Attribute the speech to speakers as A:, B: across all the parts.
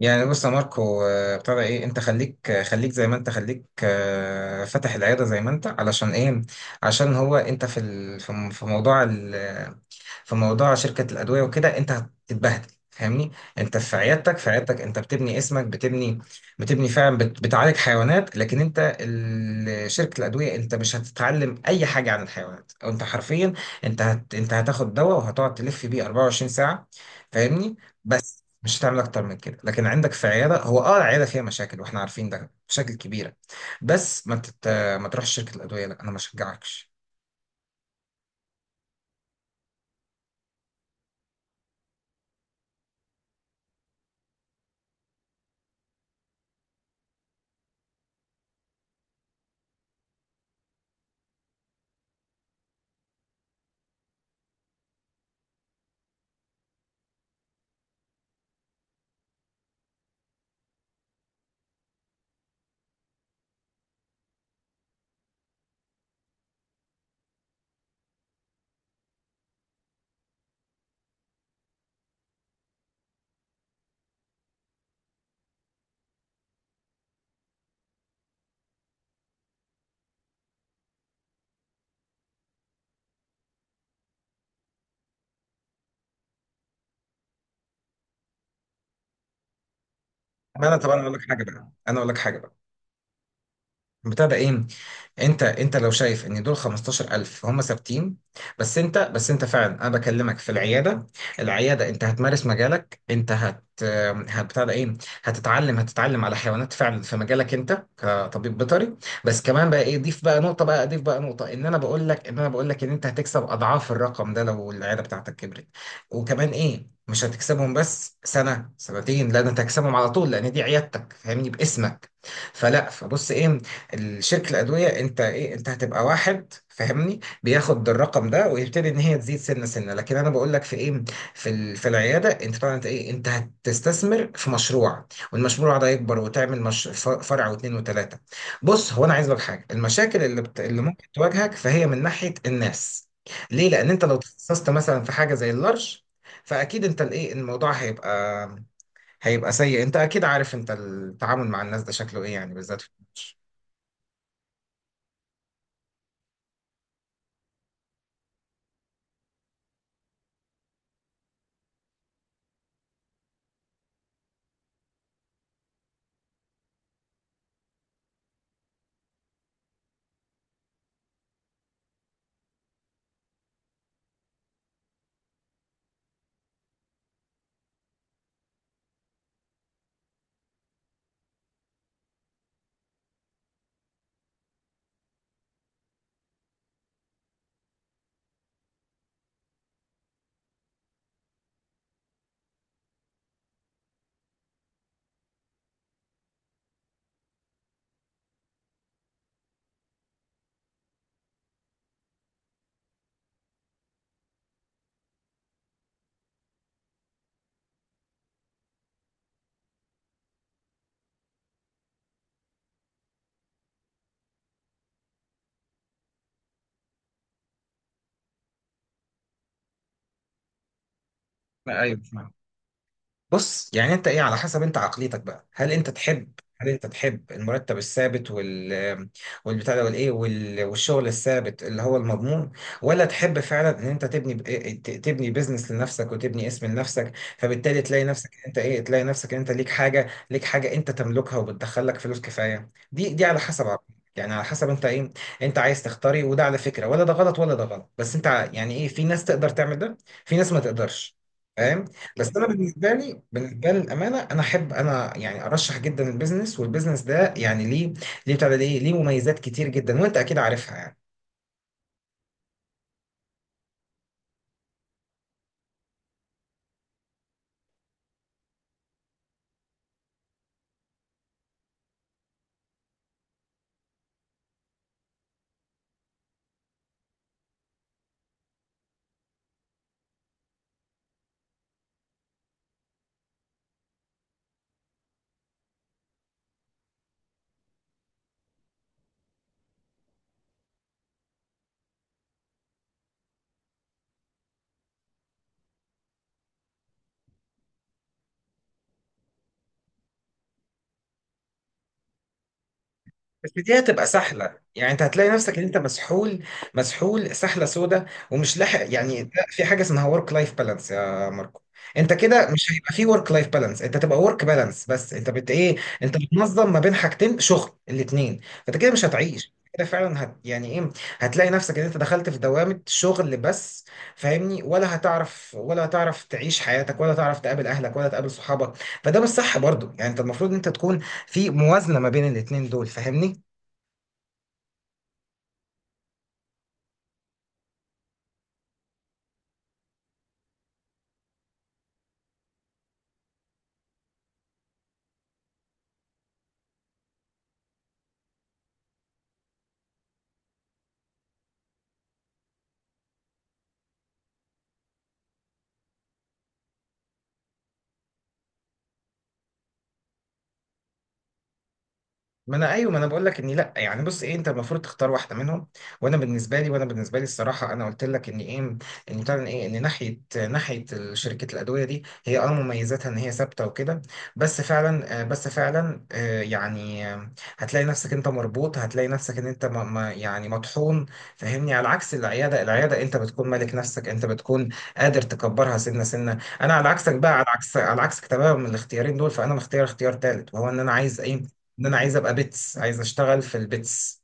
A: يعني بص يا ماركو ابتدى ايه. انت خليك، خليك زي ما انت، خليك فاتح العياده زي ما انت، علشان ايه؟ عشان هو انت في موضوع، في موضوع شركة الأدوية وكده أنت هتتبهدل، فاهمني. أنت في عيادتك، في عيادتك أنت بتبني اسمك، بتبني فعلا، بتعالج حيوانات. لكن أنت شركة الأدوية أنت مش هتتعلم أي حاجة عن الحيوانات، أو أنت حرفيا أنت هتاخد دواء وهتقعد تلف بيه 24 ساعة، فاهمني. بس مش هتعمل أكتر من كده. لكن عندك في عيادة، هو أه العيادة فيها مشاكل وإحنا عارفين ده، مشاكل كبيرة. بس ما تروحش شركة الأدوية، لا أنا ما أشجعكش. أنا طب أنا أقول لك حاجة بقى، بتاع ده ايه. انت لو شايف ان دول 15000 هم ثابتين، بس انت، بس انت فعلا انا بكلمك في العياده. العياده انت هتمارس مجالك، انت هت هت بتاع ده ايه، هتتعلم على حيوانات فعلا في مجالك انت كطبيب بيطري. بس كمان بقى ايه، ضيف بقى نقطه، بقى اضيف بقى نقطه، ان انا بقول لك ان انت هتكسب اضعاف الرقم ده لو العياده بتاعتك كبرت. وكمان ايه، مش هتكسبهم بس سنه سنتين، لا ده انت هتكسبهم على طول، لان دي عيادتك فاهمني، باسمك. فلا، فبص ايه، الشركة الأدوية أنت إيه، أنت هتبقى واحد فاهمني بياخد الرقم ده ويبتدي إن هي تزيد سنة سنة. لكن أنا بقول لك في إيه، في العيادة أنت طبعا أنت إيه، أنت هتستثمر في مشروع، والمشروع ده يكبر وتعمل مش فرع واتنين وتلاتة. بص هو أنا عايز لك حاجة، المشاكل اللي ممكن تواجهك فهي من ناحية الناس. ليه؟ لأن أنت لو تخصصت مثلا في حاجة زي اللارج، فأكيد أنت الإيه الموضوع هيبقى، هيبقى سيء. أنت أكيد عارف أنت التعامل مع الناس ده شكله إيه، يعني بالذات في اللارج. ايوه فاهم. بص يعني انت ايه، على حسب انت عقليتك بقى. هل انت تحب، هل انت تحب المرتب الثابت وال والبتاع ده والايه وال... والشغل الثابت اللي هو المضمون، ولا تحب فعلا ان انت تبني تبني بيزنس لنفسك وتبني اسم لنفسك، فبالتالي تلاقي نفسك انت ايه، تلاقي نفسك انت ليك حاجه، ليك حاجه انت تملكها وبتدخلك فلوس كفايه. دي على حسب عقليتك، يعني على حسب انت ايه، انت عايز تختاري. وده على فكره ولا ده غلط ولا ده غلط، بس انت يعني ايه، في ناس تقدر تعمل ده، في ناس ما تقدرش، فاهم؟ بس انا بالنسبه لي، بالنسبه لي للامانه، انا احب، انا يعني ارشح جدا البيزنس. والبيزنس ده يعني ليه، ليه بتاع ده، ليه ليه مميزات كتير جدا وانت اكيد عارفها يعني. بس دي هتبقى سحلة، يعني انت هتلاقي نفسك ان انت مسحول، مسحول سحلة سودة، ومش لاحق. يعني ده في حاجة اسمها ورك لايف بالانس يا ماركو. انت كده مش هيبقى في ورك لايف بالانس، انت تبقى ورك بالانس بس، انت بت ايه، انت بتنظم ما بين حاجتين، شغل الاتنين. فانت كده مش هتعيش كده فعلا، هت يعني ايه، هتلاقي نفسك ان انت دخلت في دوامة شغل بس، فاهمني. ولا هتعرف، ولا هتعرف تعيش حياتك، ولا تعرف تقابل اهلك، ولا تقابل صحابك. فده مش صح برضو. يعني انت المفروض ان انت تكون في موازنة ما بين الاتنين دول، فاهمني. ما انا ايوه، ما انا بقول لك اني لا. يعني بص ايه، انت المفروض تختار واحده منهم. وانا بالنسبه لي، وانا بالنسبه لي الصراحه، انا قلت لك ان ايه، ان بتاع ايه، ان ناحيه، ناحيه شركه الادويه دي، هي اه مميزاتها ان هي ثابته وكده، بس فعلا بس فعلا يعني هتلاقي نفسك انت مربوط. هتلاقي نفسك ان انت يعني مطحون، فاهمني. على عكس العياده، العياده انت بتكون مالك نفسك، انت بتكون قادر تكبرها سنه سنه. انا على عكسك بقى، على عكس، على عكسك تماما من الاختيارين دول، فانا مختار اختيار ثالث، وهو ان انا عايز ايه، ان انا عايز ابقى بيتس، عايز اشتغل في البيتس.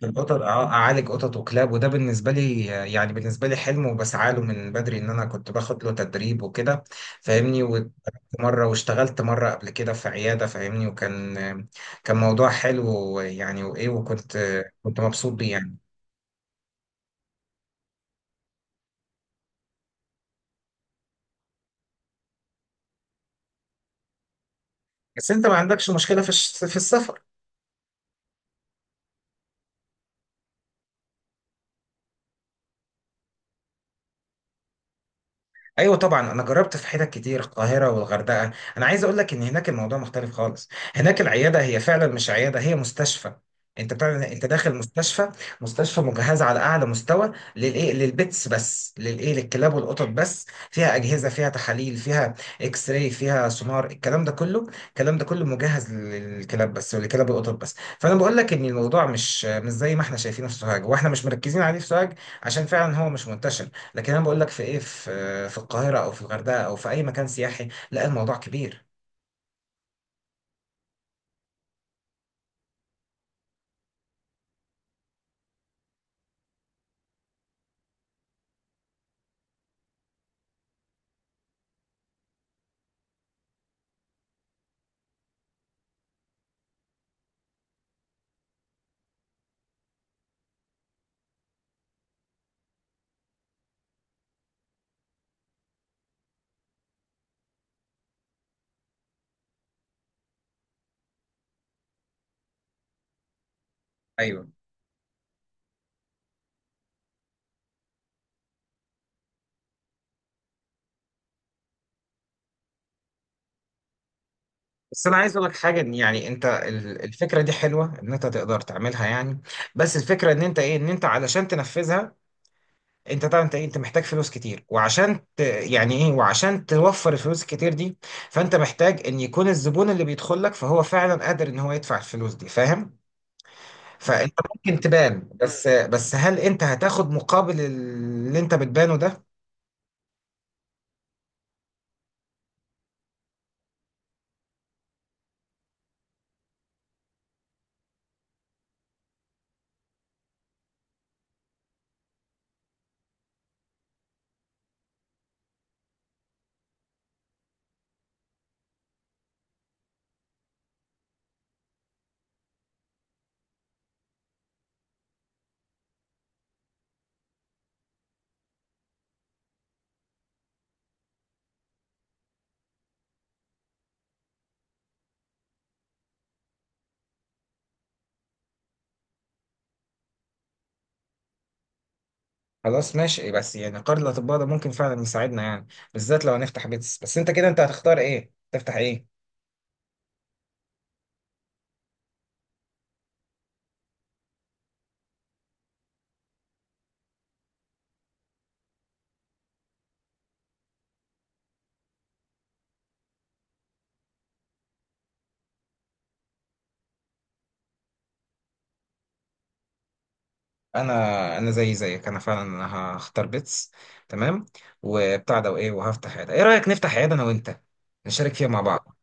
A: في القطط، اه اعالج قطط وكلاب. وده بالنسبه لي يعني، بالنسبه لي حلم وبسعى له من بدري، ان انا كنت باخد له تدريب وكده، فاهمني. ومره واشتغلت مره قبل كده في عياده، فاهمني. وكان، كان موضوع حلو يعني، وايه وكنت، كنت مبسوط بيه يعني. بس انت ما عندكش مشكله في في السفر؟ ايوه طبعا، انا جربت في حتت كتير، القاهره والغردقه. انا عايز اقول لك ان هناك الموضوع مختلف خالص. هناك العياده هي فعلا مش عياده، هي مستشفى. انت بتعمل، انت داخل مستشفى، مستشفى مجهزه على اعلى مستوى للايه للبيتس، بس للايه للكلاب والقطط بس. فيها اجهزه، فيها تحاليل، فيها اكس راي، فيها سونار، الكلام ده كله، الكلام ده كله مجهز للكلاب بس، وللكلاب والقطط بس. فانا بقول لك ان الموضوع مش زي ما احنا شايفينه في سوهاج، واحنا مش مركزين عليه في سوهاج، عشان فعلا هو مش منتشر. لكن انا بقول لك في ايه، في في القاهره او في الغردقه او في اي مكان سياحي، لا الموضوع كبير. ايوه. بس انا عايز اقول لك حاجه، إن يعني انت الفكره دي حلوه ان انت تقدر تعملها يعني. بس الفكره ان انت ايه، ان انت علشان تنفذها، انت طبعا انت إيه؟ انت محتاج فلوس كتير، وعشان يعني ايه، وعشان توفر الفلوس الكتير دي، فانت محتاج ان يكون الزبون اللي بيدخل لك فهو فعلا قادر ان هو يدفع الفلوس دي، فاهم. فانت ممكن تبان، بس بس هل انت هتاخد مقابل اللي انت بتبانه ده؟ خلاص ماشي. بس يعني قرض الاطباء ده ممكن فعلا يساعدنا يعني، بالذات لو هنفتح بيتس. بس انت كده انت هتختار ايه، تفتح ايه؟ انا، انا زي زيك، انا فعلا انا هختار بيتس. تمام، وبتاع ده وايه، وهفتح عياده. ايه رايك نفتح عياده انا وانت، نشارك فيها مع بعض؟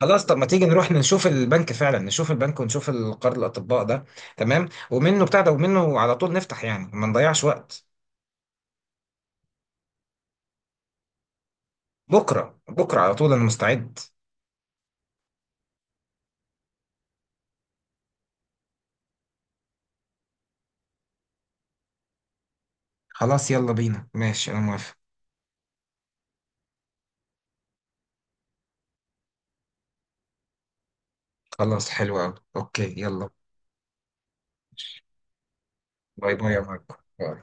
A: خلاص طب ما تيجي نروح نشوف البنك فعلا، نشوف البنك ونشوف القرض الاطباء ده، تمام. ومنه بتاع ده، ومنه على طول نفتح، يعني ما نضيعش وقت. بكره، بكره على طول انا مستعد. خلاص يلا بينا، ماشي انا موافق. خلاص حلو قوي، اوكي يلا. باي، باي يا ماركو، باي.